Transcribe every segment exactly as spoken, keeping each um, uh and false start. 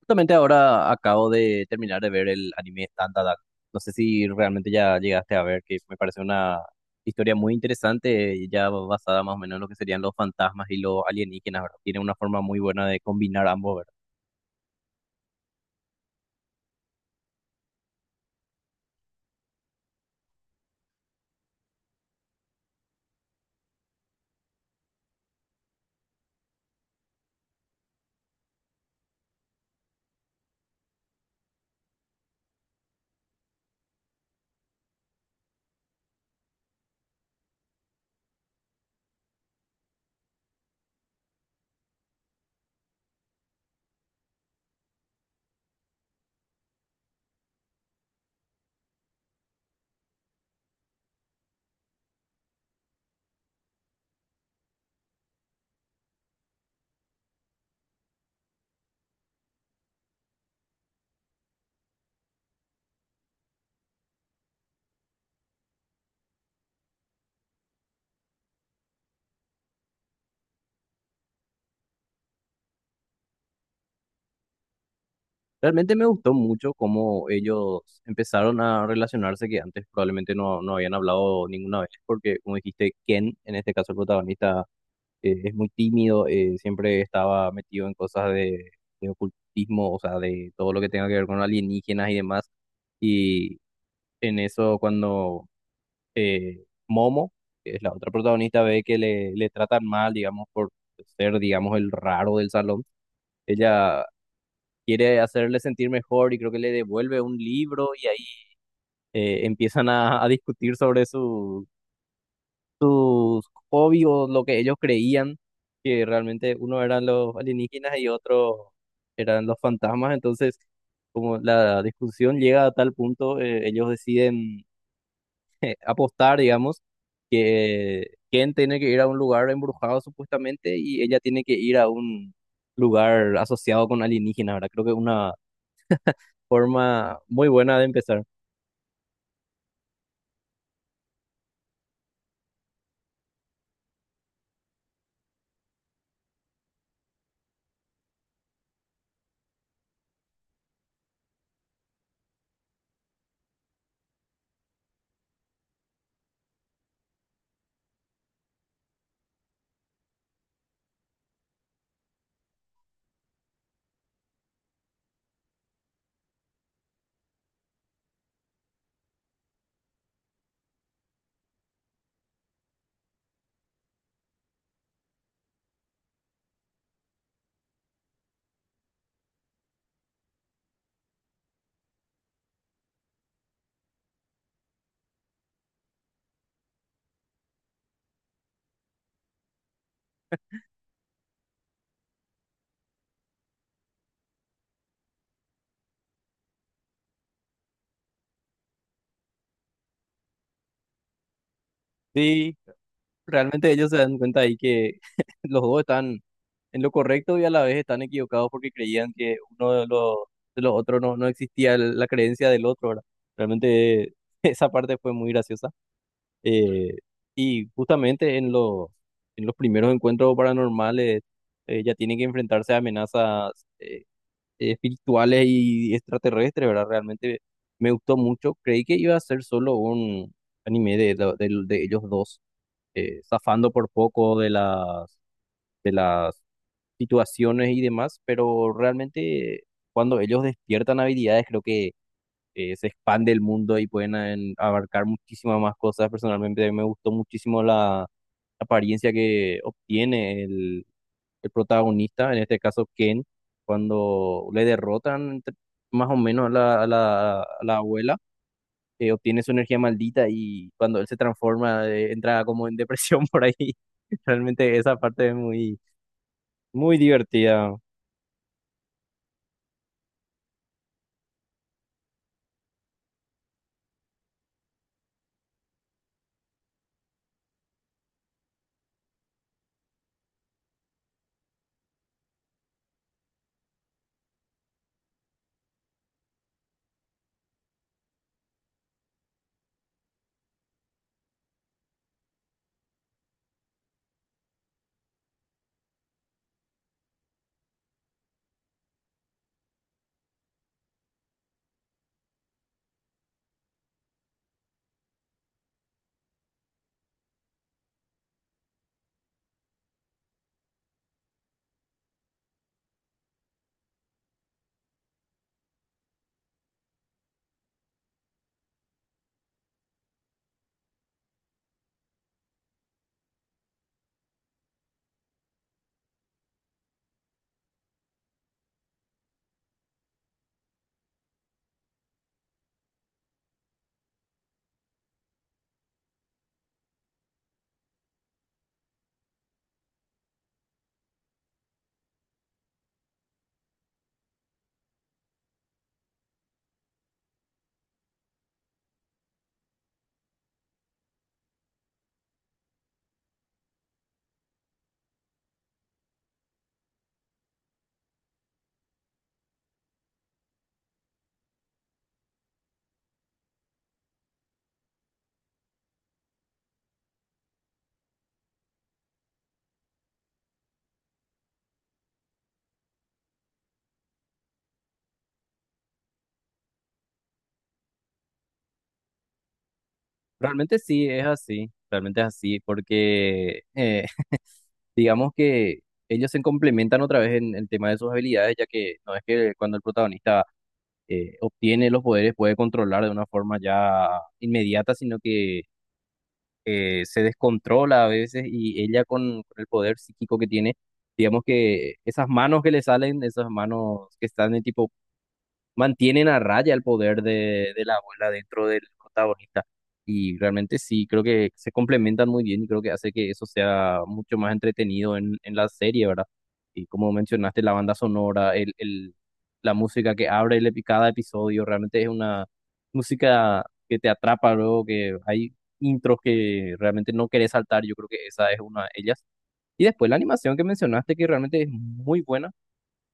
Justamente ahora acabo de terminar de ver el anime Tandadak. No sé si realmente ya llegaste a ver, que me parece una historia muy interesante, y ya basada más o menos en lo que serían los fantasmas y los alienígenas, ¿verdad? Tiene una forma muy buena de combinar ambos, ¿verdad? Realmente me gustó mucho cómo ellos empezaron a relacionarse, que antes probablemente no, no habían hablado ninguna vez, porque como dijiste, Ken, en este caso el protagonista, eh, es muy tímido, eh, siempre estaba metido en cosas de, de ocultismo, o sea, de todo lo que tenga que ver con alienígenas y demás. Y en eso cuando eh, Momo, que es la otra protagonista, ve que le, le tratan mal, digamos, por ser, digamos, el raro del salón, ella quiere hacerle sentir mejor y creo que le devuelve un libro y ahí eh, empiezan a, a discutir sobre su sus hobbies o lo que ellos creían que realmente uno eran los alienígenas y otro eran los fantasmas. Entonces, como la discusión llega a tal punto, eh, ellos deciden apostar, digamos, que Ken tiene que ir a un lugar embrujado supuestamente y ella tiene que ir a un lugar asociado con alienígenas, ¿verdad? Creo que es una forma muy buena de empezar. Sí, realmente ellos se dan cuenta ahí que los dos están en lo correcto y a la vez están equivocados porque creían que uno de los, de los otros no, no existía el- la creencia del otro, ¿verdad? Realmente esa parte fue muy graciosa. Eh, y justamente en los, en los primeros encuentros paranormales eh, ya tienen que enfrentarse a amenazas eh, espirituales y extraterrestres, ¿verdad? Realmente me gustó mucho. Creí que iba a ser solo un anime de, de, de- de ellos dos, eh, zafando por poco de las... de las situaciones y demás, pero realmente cuando ellos despiertan habilidades creo que eh, se expande el mundo y pueden eh, abarcar muchísimas más cosas. Personalmente a mí me gustó muchísimo la apariencia que obtiene el, el protagonista, en este caso Ken, cuando le derrotan entre- más o menos a la, a la, a la abuela. Eh, obtiene su energía maldita y cuando él se transforma, eh, entra como en depresión por ahí. Realmente esa parte es muy, muy divertida. Realmente sí, es así, realmente es así, porque eh, digamos que ellos se complementan otra vez en el tema de sus habilidades, ya que no es que cuando el protagonista eh, obtiene los poderes puede controlar de una forma ya inmediata, sino que eh, se descontrola a veces y ella con, con el poder psíquico que tiene, digamos que esas manos que le salen, esas manos que están en tipo mantienen a raya el poder de, de la abuela dentro del protagonista. Y realmente sí, creo que se complementan muy bien y creo que hace que eso sea mucho más entretenido en, en la serie, ¿verdad? Y como mencionaste, la banda sonora, el, el, la música que abre el, epi- cada episodio, realmente es una música que te atrapa luego, que hay intros que realmente no querés saltar, yo creo que esa es una de ellas. Y después la animación que mencionaste, que realmente es muy buena,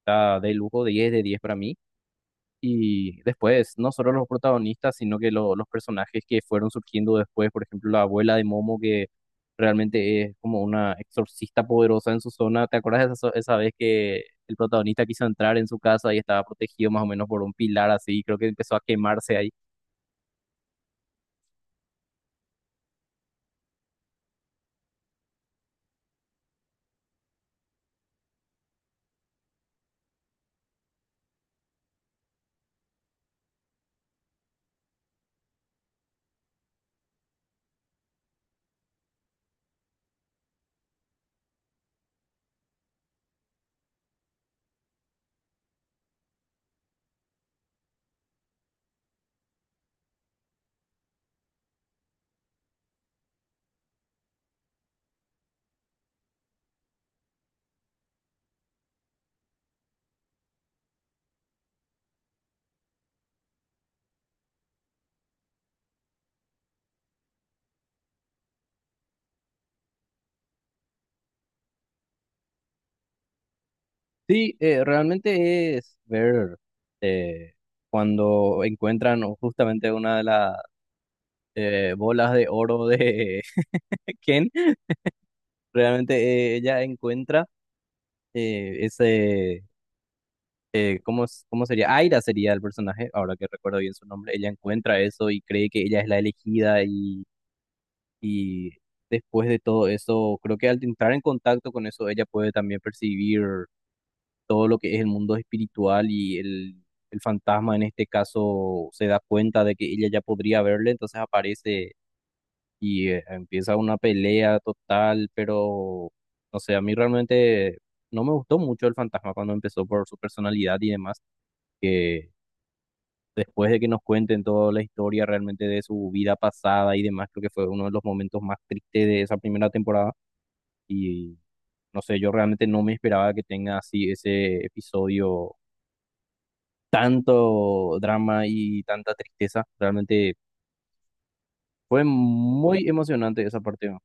está de lujo, diez de diez para mí. Y después, no solo los protagonistas, sino que lo- los personajes que fueron surgiendo después, por ejemplo, la abuela de Momo, que realmente es como una exorcista poderosa en su zona. ¿Te acuerdas de esa, esa vez que el protagonista quiso entrar en su casa y estaba protegido más o menos por un pilar así? Creo que empezó a quemarse ahí. Sí, eh, realmente es ver eh, cuando encuentran justamente una de las eh, bolas de oro de Ken, realmente eh, ella encuentra eh, ese eh, ¿cómo, s- cómo sería? Aira sería el personaje, ahora que recuerdo bien su nombre. Ella encuentra eso y cree que ella es la elegida y, y después de todo eso, creo que al entrar en contacto con eso, ella puede también percibir todo lo que es el mundo espiritual y el, el fantasma en este caso se da cuenta de que ella ya podría verle, entonces aparece y eh, empieza una pelea total, pero no sé, a mí realmente no me gustó mucho el fantasma cuando empezó por su personalidad y demás que después de que nos cuenten toda la historia realmente de su vida pasada y demás, creo que fue uno de los momentos más tristes de esa primera temporada. Y no sé, yo realmente no me esperaba que tenga así ese episodio, tanto drama y tanta tristeza. Realmente fue muy emocionante esa parte, ¿no?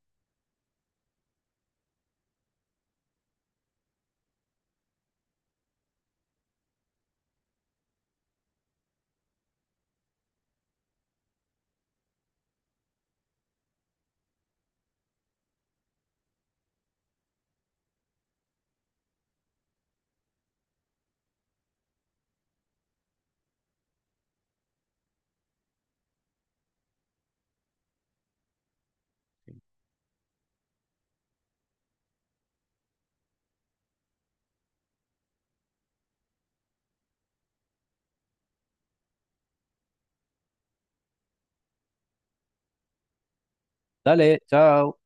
Dale, chao.